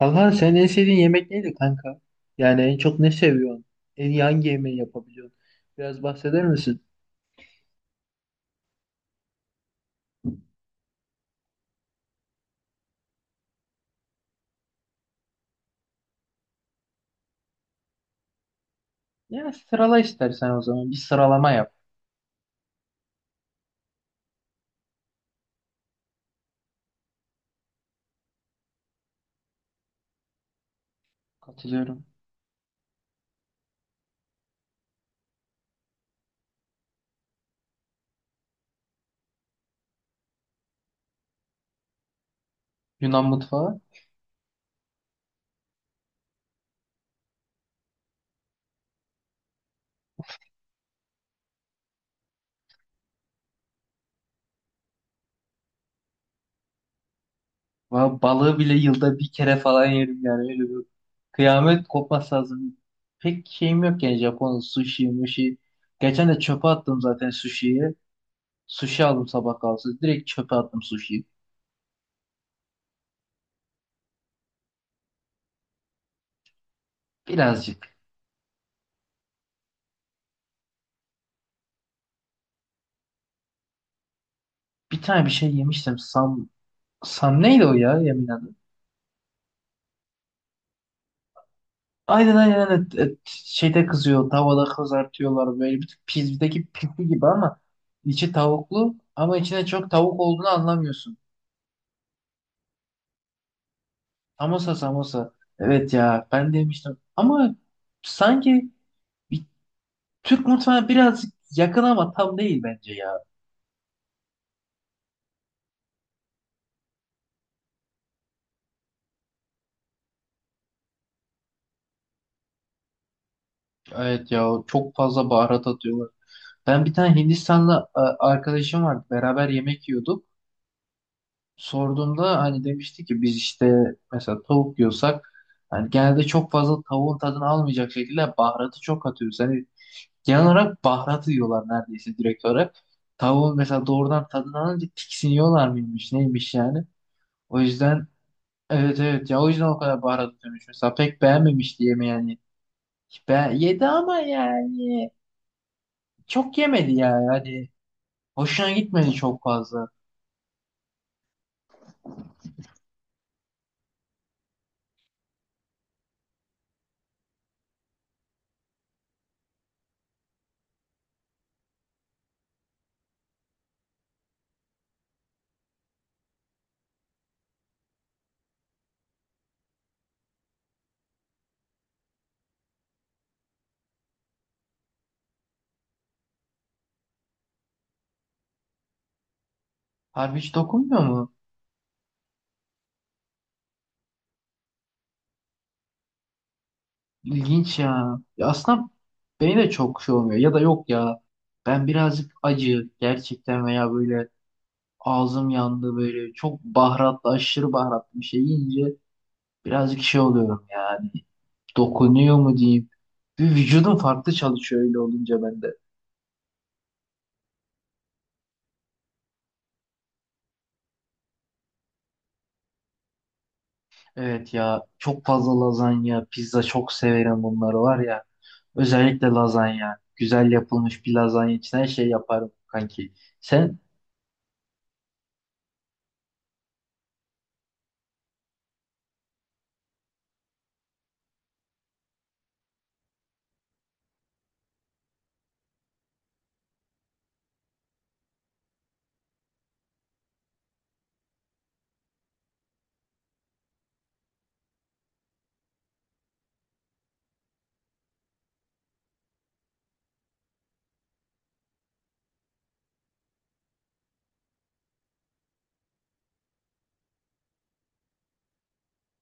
Kanka sen en sevdiğin yemek neydi kanka? Yani en çok ne seviyorsun? En iyi hangi yemeği yapabiliyorsun? Biraz bahseder misin? Ya sırala istersen o zaman. Bir sıralama yap. Katılıyorum. Yunan mutfağı. Balığı bile yılda bir kere falan yerim yani. Öyle bir kıyamet kopmaz lazım. Pek şeyim yok yani Japon sushi, mushi. Geçen de çöpe attım zaten sushi'yi. Sushi aldım sabah kahvaltısı. Direkt çöpe attım sushi'yi. Birazcık. Bir tane bir şey yemiştim. Sam neydi o ya yemin adı? Aynen, aynen, aynen. Şeyde kızıyor tavada kızartıyorlar böyle bir tık pizzadaki pizza gibi ama içi tavuklu ama içine çok tavuk olduğunu anlamıyorsun. Samosa, samosa. Evet ya ben demiştim ama sanki bir Türk mutfağına birazcık yakın ama tam değil bence ya. Evet ya çok fazla baharat atıyorlar. Ben bir tane Hindistanlı arkadaşım vardı beraber yemek yiyorduk. Sorduğumda hani demişti ki biz işte mesela tavuk yiyorsak hani genelde çok fazla tavuğun tadını almayacak şekilde baharatı çok atıyoruz. Hani genel olarak baharatı yiyorlar neredeyse direkt olarak. Tavuğun mesela doğrudan tadını alınca tiksiniyorlar mıymış neymiş yani. O yüzden evet, evet ya o yüzden o kadar baharat atıyormuş. Mesela pek beğenmemişti yemeği yani. Ben, yedi ama yani çok yemedi ya yani. Hani hoşuna gitmedi çok fazla. Harbi hiç dokunmuyor mu? İlginç ya. Ya aslında beni de çok şey olmuyor. Ya da yok ya. Ben birazcık acı gerçekten veya böyle ağzım yandı böyle çok baharatlı aşırı baharatlı bir şey yiyince birazcık şey oluyorum yani. Dokunuyor mu diyeyim. Bir vücudum farklı çalışıyor öyle olunca bende. Evet ya çok fazla lazanya, pizza çok severim bunları var ya. Özellikle lazanya. Güzel yapılmış bir lazanya için her şey yaparım kanki. Sen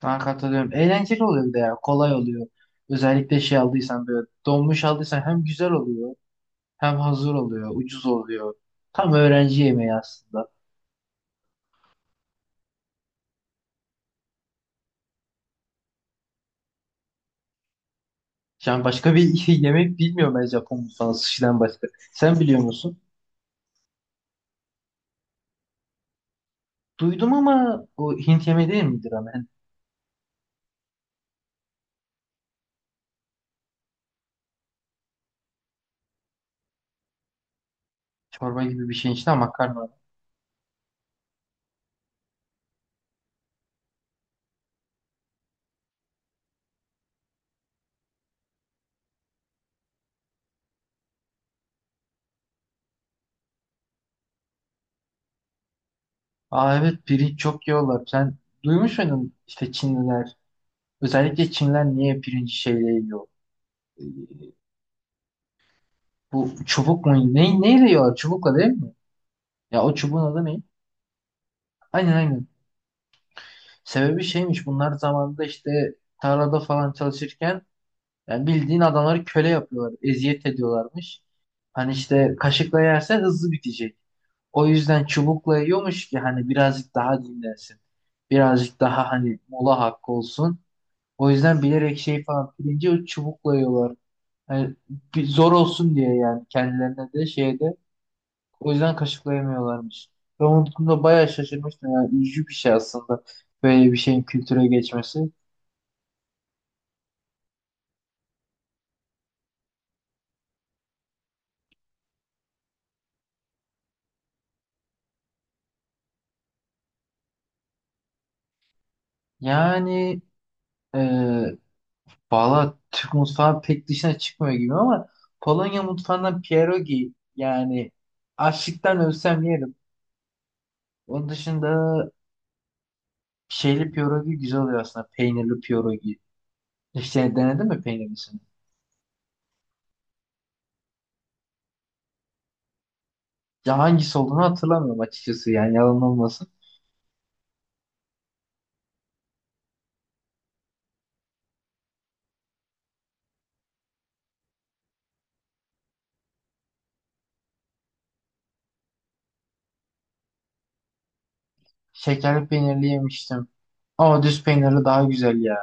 sana katılıyorum. Eğlenceli oluyor bir de ya. Kolay oluyor. Özellikle şey aldıysan böyle donmuş aldıysan hem güzel oluyor hem hazır oluyor. Ucuz oluyor. Tam öğrenci yemeği aslında. Yani başka bir yemek bilmiyorum ben Japon mutfağı sushi'den başka. Sen biliyor musun? Duydum ama o Hint yemeği değil midir ama? Yani çorba gibi bir şeyin içinde makarna var. Aa evet pirinç çok yiyorlar. Sen duymuş muydun işte Çinliler? Özellikle Çinliler niye pirinci şeyle yiyor? Ee, Bu çubuk mu? Ne, neyle yiyorlar? Çubukla değil mi? Ya o çubuğun adı ne? Aynen, aynen. Sebebi şeymiş bunlar zamanında işte tarlada falan çalışırken yani bildiğin adamları köle yapıyorlar. Eziyet ediyorlarmış. Hani işte kaşıkla yersen hızlı bitecek. O yüzden çubukla yiyormuş ki hani birazcık daha dinlensin. Birazcık daha hani mola hakkı olsun. O yüzden bilerek şey falan pirinci çubukla yiyorlar. Hani bir zor olsun diye yani kendilerine de şeyde o yüzden kaşıklayamıyorlarmış. Ben onun konuda bayağı şaşırmıştım. Yani üzücü bir şey aslında. Böyle bir şeyin kültüre geçmesi. Yani e, valla Türk mutfağı pek dışına çıkmıyor gibi ama Polonya mutfağından pierogi yani açlıktan ölsem yerim. Onun dışında şeyli pierogi güzel oluyor aslında. Peynirli pierogi. İşte denedin mi peynirlisini? Ya hangisi olduğunu hatırlamıyorum açıkçası yani yalan olmasın. Şekerli peynirli yemiştim. Ama düz peynirli daha güzel ya.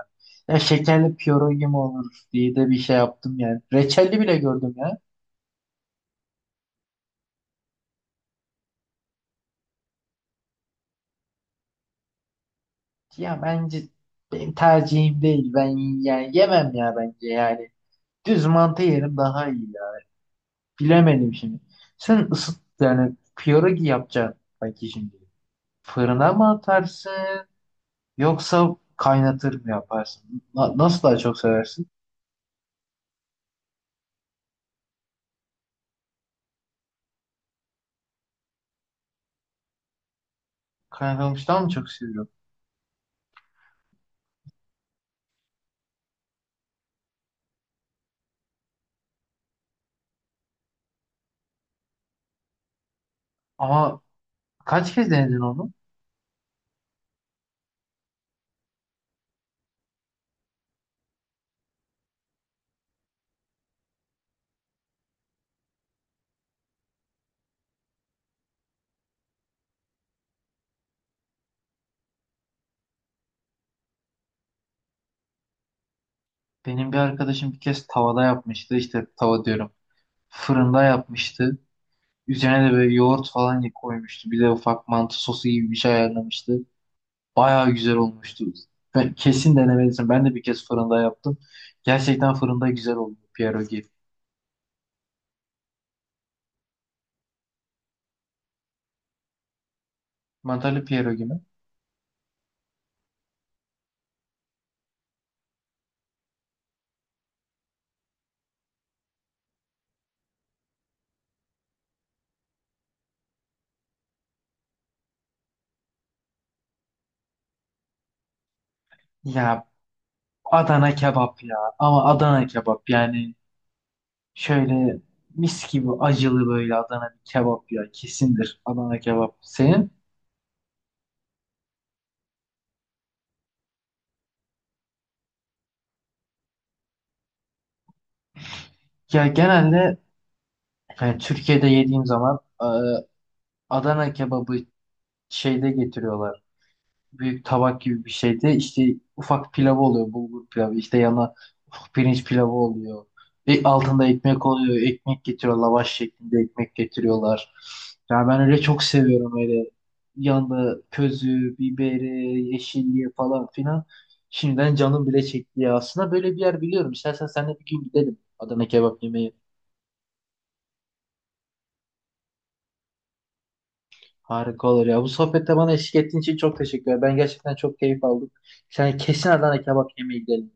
Ya şekerli pierogi mi olur diye de bir şey yaptım yani. Reçelli bile gördüm ya. Ya bence benim tercihim değil. Ben yani yemem ya bence yani. Düz mantı yerim daha iyi ya. Bilemedim şimdi. Sen ısıt yani pierogi yapacaksın belki şimdi. Fırına mı atarsın yoksa kaynatır mı yaparsın? Nasıl daha çok seversin? Kaynatılmıştan mı çok seviyorum? Ama kaç kez denedin onu? Benim bir arkadaşım bir kez tavada yapmıştı. İşte tava diyorum. Fırında yapmıştı. Üzerine de böyle yoğurt falan koymuştu. Bir de ufak mantı sosu gibi bir şey ayarlamıştı. Bayağı güzel olmuştu. Ben kesin denemelisin. Ben de bir kez fırında yaptım. Gerçekten fırında güzel oldu pierogi. Mantarlı pierogi mi? Ya Adana kebap ya. Ama Adana kebap yani şöyle mis gibi acılı böyle Adana bir kebap ya. Kesindir Adana kebap. Senin? Ya genelde yani Türkiye'de yediğim zaman Adana kebabı şeyde getiriyorlar. Büyük tabak gibi bir şeyde işte ufak pilavı oluyor. Bulgur pilavı işte yana ufak pirinç pilavı oluyor. Altında ekmek oluyor. Ekmek getiriyor. Lavaş şeklinde ekmek getiriyorlar. Yani ben öyle çok seviyorum öyle. Yanında közü, biberi, yeşilliği falan filan. Şimdiden canım bile çekti ya. Aslında böyle bir yer biliyorum. İstersen sen de bir gün gidelim Adana kebap yemeye. Harika olur ya. Bu sohbette bana eşlik ettiğin için çok teşekkür ederim. Ben gerçekten çok keyif aldım. Yani kesin Adana kebap yemeye gidelim.